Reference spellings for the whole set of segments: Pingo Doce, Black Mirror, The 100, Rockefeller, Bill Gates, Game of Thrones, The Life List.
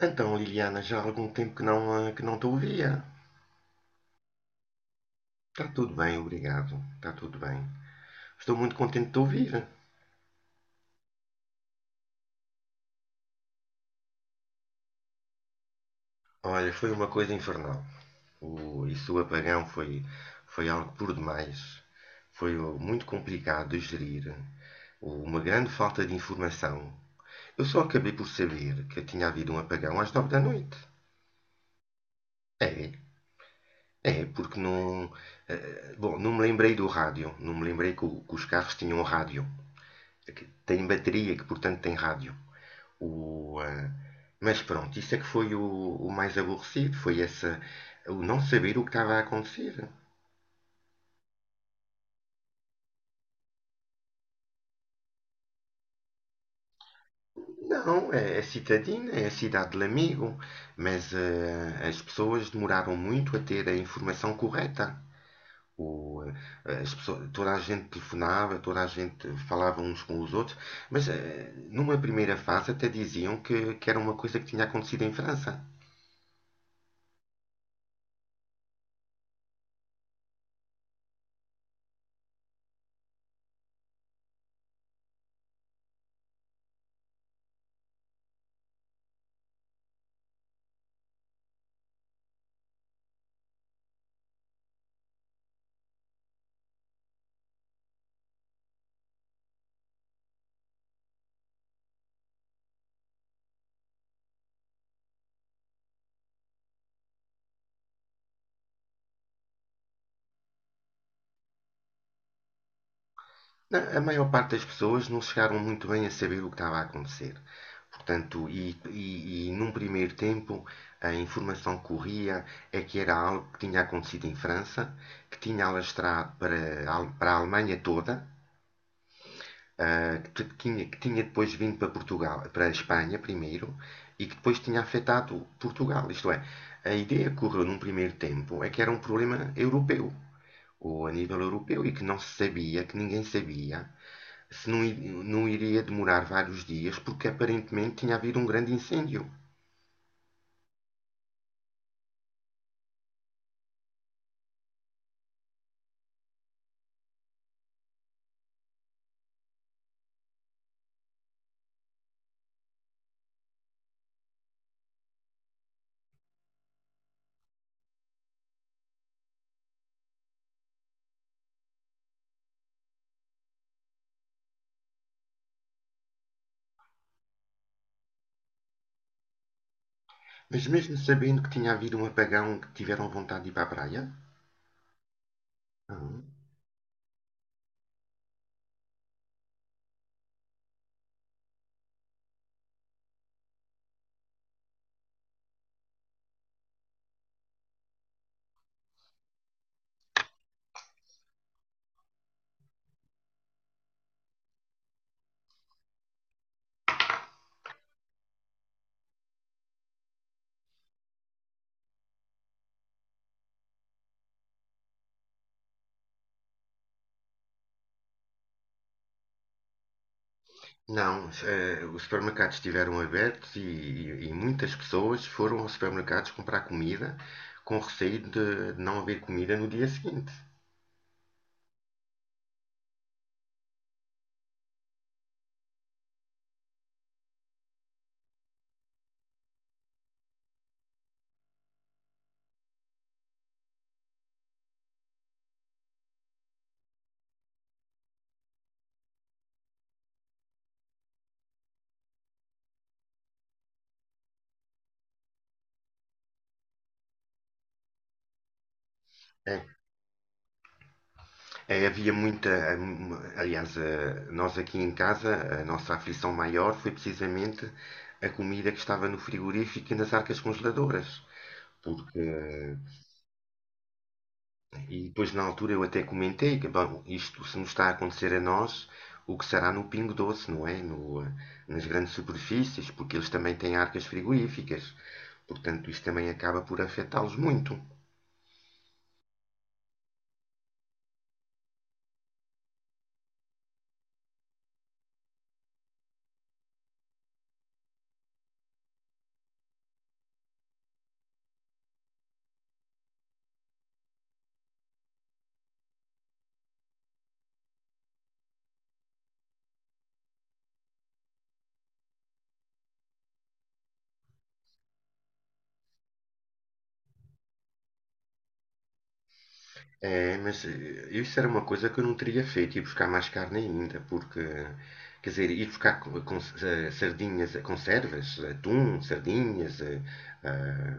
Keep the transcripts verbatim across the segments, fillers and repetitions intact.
Então, Liliana, já há algum tempo que não, ah, que não te ouvia. Está tudo bem, obrigado. Está tudo bem. Estou muito contente de te ouvir. Olha, foi uma coisa infernal. O, isso, o apagão foi, foi algo por demais. Foi oh, muito complicado de gerir. Oh, uma grande falta de informação. Eu só acabei por saber que tinha havido um apagão às nove da noite. É, é, Porque não. Eh, bom, não me lembrei do rádio. Não me lembrei que, que os carros tinham rádio. É que tem bateria, que portanto tem rádio. O, ah, mas pronto, isso é que foi o, o mais aborrecido, foi essa, o não saber o que estava a acontecer. Não, é, é citadina, é a cidade do amigo, mas ah, as pessoas demoraram muito a ter a informação correta. O, ah, As pessoas, toda a gente telefonava, toda a gente falava uns com os outros, mas ah, numa primeira fase até diziam que, que era uma coisa que tinha acontecido em França. A maior parte das pessoas não chegaram muito bem a saber o que estava a acontecer. Portanto, e, e, e num primeiro tempo, a informação que corria é que era algo que tinha acontecido em França, que tinha alastrado para, para a Alemanha toda, ah, que, tinha, que tinha depois vindo para Portugal, para a Espanha primeiro, e que depois tinha afetado Portugal. Isto é, a ideia que correu num primeiro tempo é que era um problema europeu, ou a nível europeu, e que não se sabia, que ninguém sabia se não, não iria demorar vários dias, porque aparentemente tinha havido um grande incêndio. Mas mesmo sabendo que tinha havido um apagão, que tiveram vontade de ir para a praia? Uhum. Não, eh, os supermercados estiveram abertos e, e- e muitas pessoas foram aos supermercados comprar comida com receio de, de não haver comida no dia seguinte. É, eh, Havia muita. eh, Aliás, eh, nós aqui em casa, a nossa aflição maior foi precisamente a comida que estava no frigorífico e nas arcas congeladoras. Porque, e depois na altura eu até comentei que, bom, isto se nos está a acontecer a nós, o que será no Pingo Doce, não é? No, eh, Nas grandes superfícies, porque eles também têm arcas frigoríficas. Portanto, isto também acaba por afetá-los muito. É, mas eh, isso era uma coisa que eu não teria feito, ir buscar mais carne ainda, porque, quer dizer, ir buscar co- con- eh, sardinhas, eh, conservas, atum, sardinhas, eh, ah,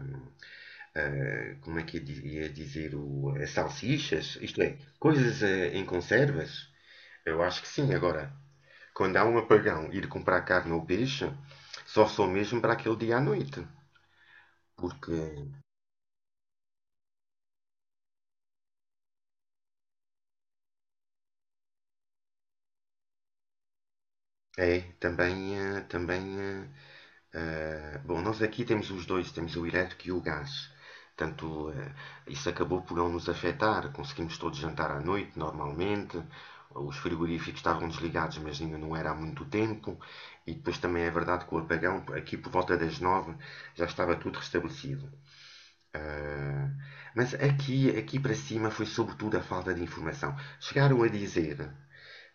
ah, como é que ia dizer, o, eh, salsichas, isto é, coisas eh, em conservas? Eu acho que sim. Agora, quando há um apagão, ir comprar carne ou peixe, só sou mesmo para aquele dia à noite. Porque é, também, eh, também eh, Eh, bom, nós aqui temos os dois, temos o elétrico e o gás. Portanto, eh, isso acabou por não nos afetar. Conseguimos todos jantar à noite, normalmente. Os frigoríficos estavam desligados, mas ainda não era há muito tempo. E depois também é verdade que o apagão, aqui por volta das nove, já estava tudo restabelecido. Eh, mas aqui, aqui para cima foi sobretudo a falta de informação. Chegaram a dizer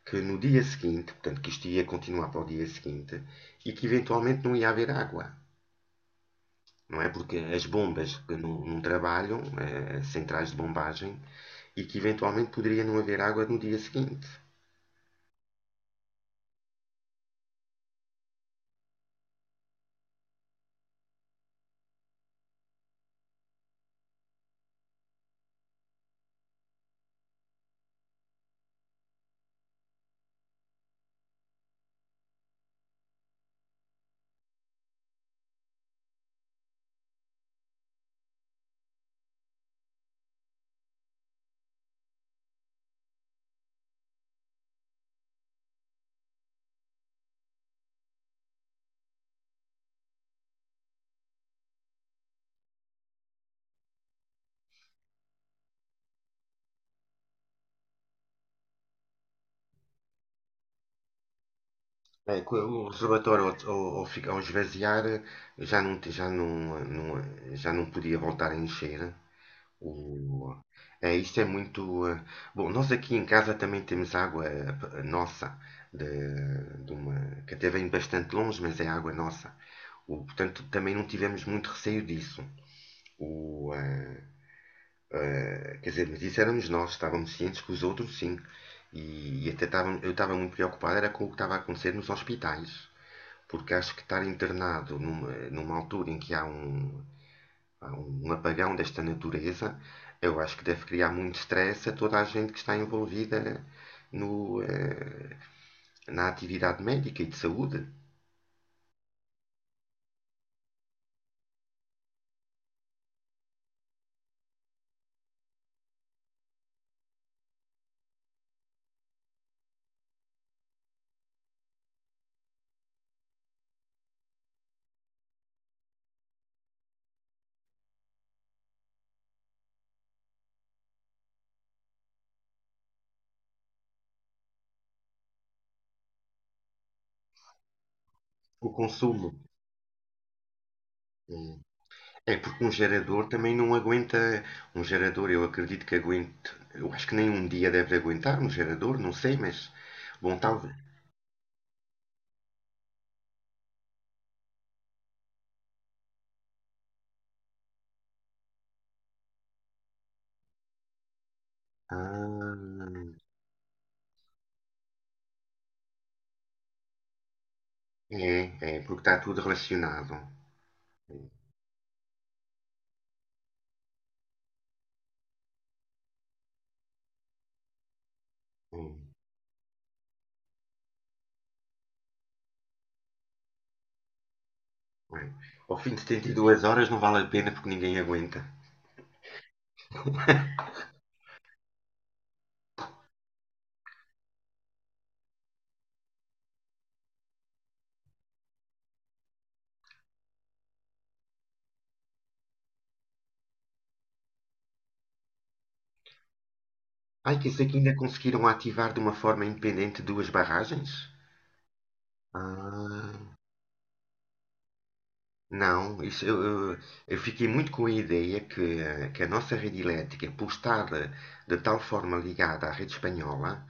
que no dia seguinte, portanto, que isto ia continuar para o dia seguinte, e que eventualmente não ia haver água, não é? Porque as bombas que não, não trabalham, eh, as centrais de bombagem, e que eventualmente poderia não haver água no dia seguinte. é co- O reservatório, ao, ao- ao esvaziar, já não, já, não, não- já não podia voltar a encher. O, é isto é muito. eh, Bom, nós aqui em casa também temos água eh, nossa, de, de uma, que até vem bastante longe, mas é água nossa. O, portanto, também não tivemos muito receio disso. O, eh, Eh, quer dizer, mas isso éramos nós, estávamos cientes que os outros sim. E, e até estava, eu estava muito preocupado era com o que estava a acontecer nos hospitais, porque acho que estar internado numa, numa altura em que há um, há um apagão desta natureza, eu acho que deve criar muito stress a toda a gente que está envolvida no, eh, na atividade médica e de saúde. O consumo eh, é porque um gerador também não aguenta. Um gerador, eu acredito que aguente. Eu acho que nem um dia deve aguentar um gerador, não sei, mas. Bom, talvez. Ah, É, é, porque está tudo relacionado. Hum, hum. Ao fim de setenta e duas horas não vale a pena porque ninguém aguenta. Ai, que isso aqui ainda conseguiram ativar de uma forma independente duas barragens? Ah. Não, isso, eu, eu- Eu fiquei muito com a ideia que, eh, que a nossa rede elétrica, por estar eh, de tal forma ligada à rede espanhola,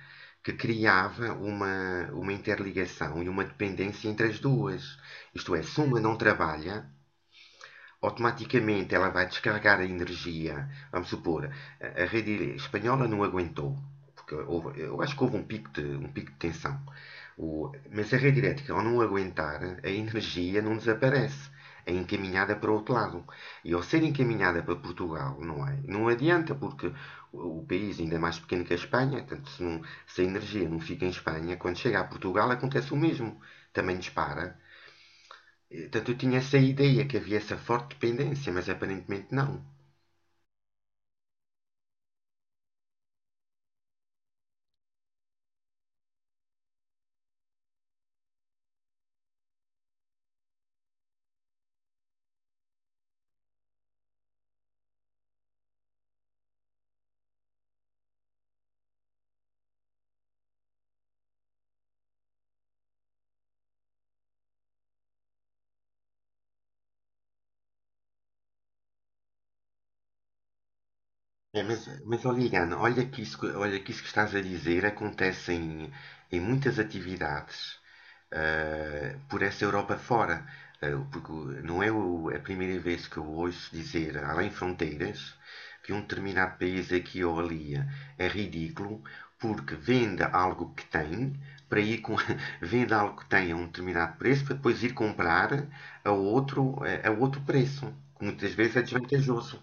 que criava uma, uma interligação e uma dependência entre as duas. Isto é, se uma não trabalha, automaticamente ela vai descarregar a energia. Vamos supor, a rede espanhola não aguentou, porque houve- eu acho que houve um pico de, um pico de tensão. O- mas a rede elétrica, ao não aguentar, a energia não desaparece. É encaminhada para o outro lado. E ao ser encaminhada para Portugal, não é? Não adianta, porque o o país ainda é mais pequeno que a Espanha, portanto, se, não- se a energia não fica em Espanha, quando chega a Portugal acontece o mesmo. Também dispara. Portanto, eu tinha essa ideia que havia essa forte dependência, mas aparentemente não. É, mas, mas olha, Irana, olha que isso, que- olha que isso que estás a dizer acontece em, em muitas atividades ah, por essa Europa fora. Ah, porque não é o- é a primeira vez que eu ouço dizer, além fronteiras, que um determinado país aqui ou ali é ridículo porque vende algo que tem para ir com, vende algo que tem a um determinado preço para depois ir comprar a outro, a, a outro preço, que muitas vezes é desvantajoso.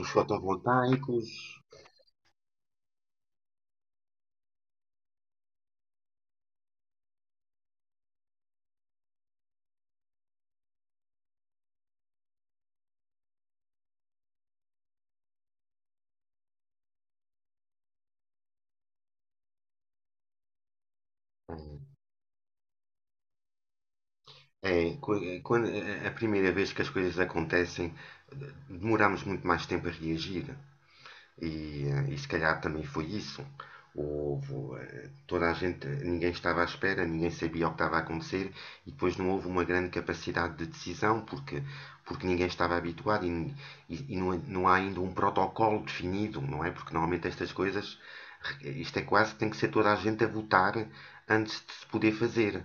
Os fotovoltaicos. É, é, quando, é, é a primeira vez que as coisas acontecem, demoramos muito mais tempo a reagir. E, eh, e se calhar também foi isso. Houve, eh, Toda a gente, ninguém estava à espera, ninguém sabia o que estava a acontecer e depois não houve uma grande capacidade de decisão porque, porque ninguém estava habituado e, e- e não, não há ainda um protocolo definido, não é? Porque normalmente estas coisas, isto é quase que tem que ser toda a gente a votar antes de se poder fazer.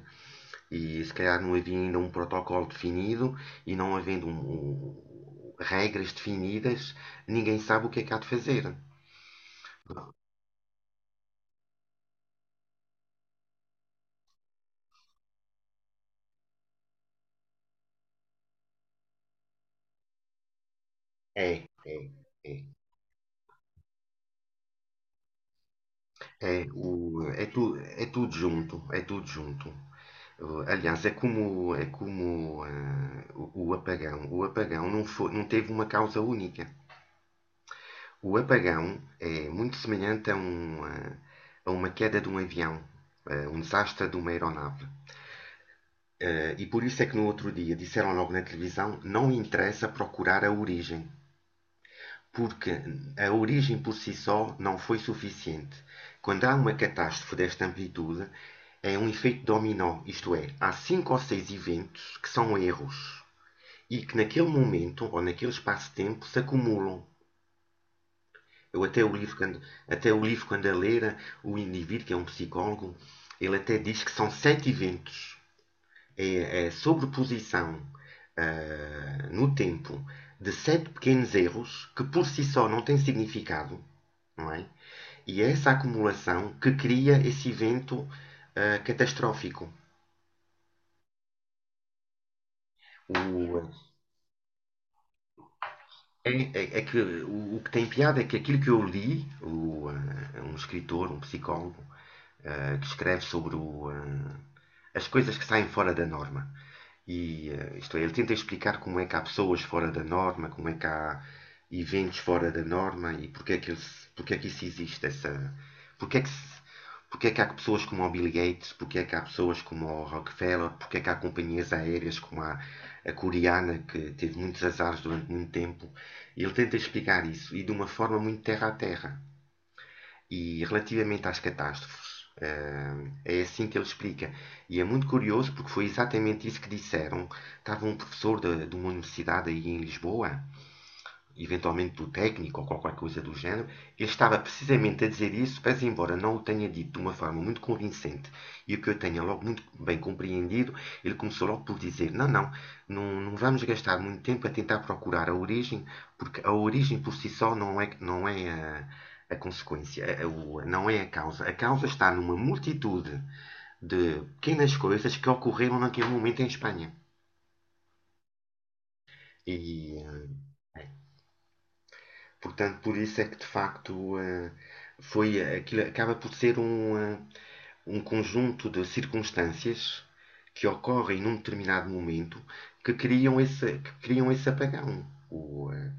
E se calhar não havia ainda um protocolo definido e não havendo um- um- regras definidas, ninguém sabe o que é que há de fazer. É, é, É. É, o, é, tu, é tudo junto, é tudo junto. Uh, Aliás, é como, é como ah, o, o apagão. O apagão não foi, não teve uma causa única. O apagão é muito semelhante a, um, ah, a uma queda de um avião, a um desastre de uma aeronave. E por isso é que no outro dia disseram logo na televisão: não interessa procurar a origem, porque a origem por si só não foi suficiente. Quando há uma catástrofe desta amplitude, é um efeito dominó, isto é, há cinco ou seis eventos que são erros e que naquele momento ou naquele espaço-tempo se acumulam. Eu até o livro quando, Até o livro quando a ler, o indivíduo que é um psicólogo, ele até diz que são sete eventos, é a sobreposição ah, no tempo de sete pequenos erros que por si só não têm significado, não é? E é essa acumulação que cria esse evento ah, catastrófico. O, é, é- É que o, o que tem piada é que aquilo que eu li, o, ah, um escritor, um psicólogo, ah, que escreve sobre o, ah, as coisas que saem fora da norma. E eh, isto é, ele tenta explicar como é que há pessoas fora da norma, como é que há eventos fora da norma e porque é que, eles, porque é que isso existe, essa, porque é que se- porque é que há pessoas como o Bill Gates, porque é que há pessoas como o Rockefeller, porque é que há companhias aéreas como a, a coreana que teve muitos azares durante muito tempo. E ele tenta explicar isso e de uma forma muito terra a terra. E relativamente às catástrofes, eh, é assim que ele explica. E é muito curioso porque foi exatamente isso que disseram. Estava um professor de, de uma universidade aí em Lisboa, eventualmente do técnico ou qualquer coisa do género, ele estava precisamente a dizer isso, mas embora não o tenha dito de uma forma muito convincente e o que eu tenha logo muito bem compreendido, ele começou logo por dizer: não, não, não, não vamos gastar muito tempo a tentar procurar a origem, porque a origem por si só não é, não é a, a consequência, a, a, não é a causa. A causa está numa multitude de pequenas coisas que ocorreram naquele momento em Espanha. E eh, Portanto, por isso é que de facto eh, foi eh, aquilo acaba por ser um, eh, um conjunto de circunstâncias que ocorrem num determinado momento que criam esse, que criam esse apagão. O, eh,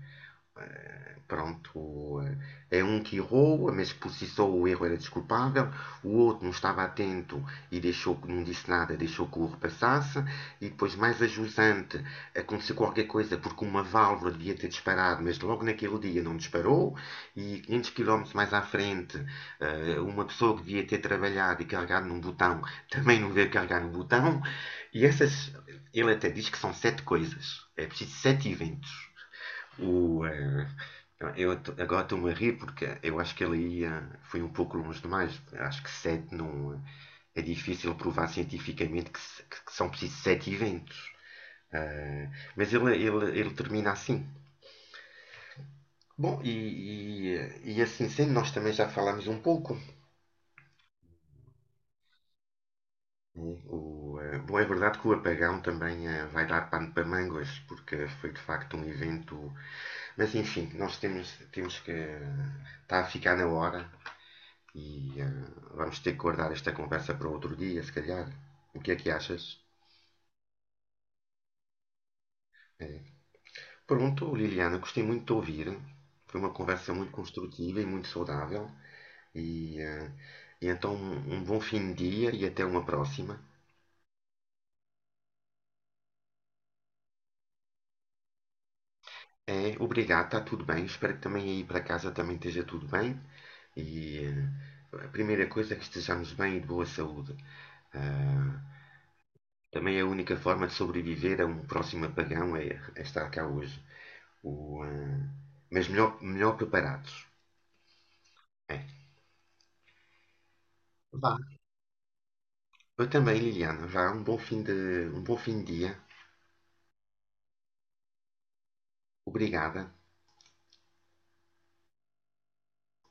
Pronto, é é um que errou, mas processou o erro, era desculpável. O outro não estava atento e deixou, não disse nada, deixou que o erro passasse. E depois, mais a, aconteceu qualquer coisa porque uma válvula devia ter disparado, mas logo naquele dia não disparou. E quinhentos quilómetros mais à frente, eh, uma pessoa que devia ter trabalhado e carregado num botão também não veio carregar no botão. E essas, Ele até diz que são sete coisas. É preciso sete eventos. O, eh, eu t- Agora estou-me a rir porque eu acho que ele ia, foi um pouco longe demais. Acho que sete não. É difícil provar cientificamente que, se- que- que são precisos sete eventos. Ah, mas ele, ele, Ele termina assim. Bom, e, e, e assim sendo, nós também já falámos um pouco. Né? O, ah, bom, é verdade que o apagão também ah, vai dar pano para mangas, porque foi de facto um evento. Mas enfim, nós temos, temos que. Está a ficar na hora. E ah, vamos ter que guardar esta conversa para outro dia, se calhar. O que é que achas? É. Pronto, Liliana, gostei muito de ouvir. Foi uma conversa muito construtiva e muito saudável. E, ah, e então, um um bom fim de dia e até uma próxima. É, obrigado, está tudo bem. Espero que também aí para casa também esteja tudo bem. E eh, a primeira coisa é que estejamos bem e de boa saúde. Ah, Também a única forma de sobreviver a um próximo apagão é, é estar cá hoje. O, eh, mas melhor, melhor preparados. É. Vá. Eu também, Liliana, já um bom fim de, um bom fim de dia. Obrigada.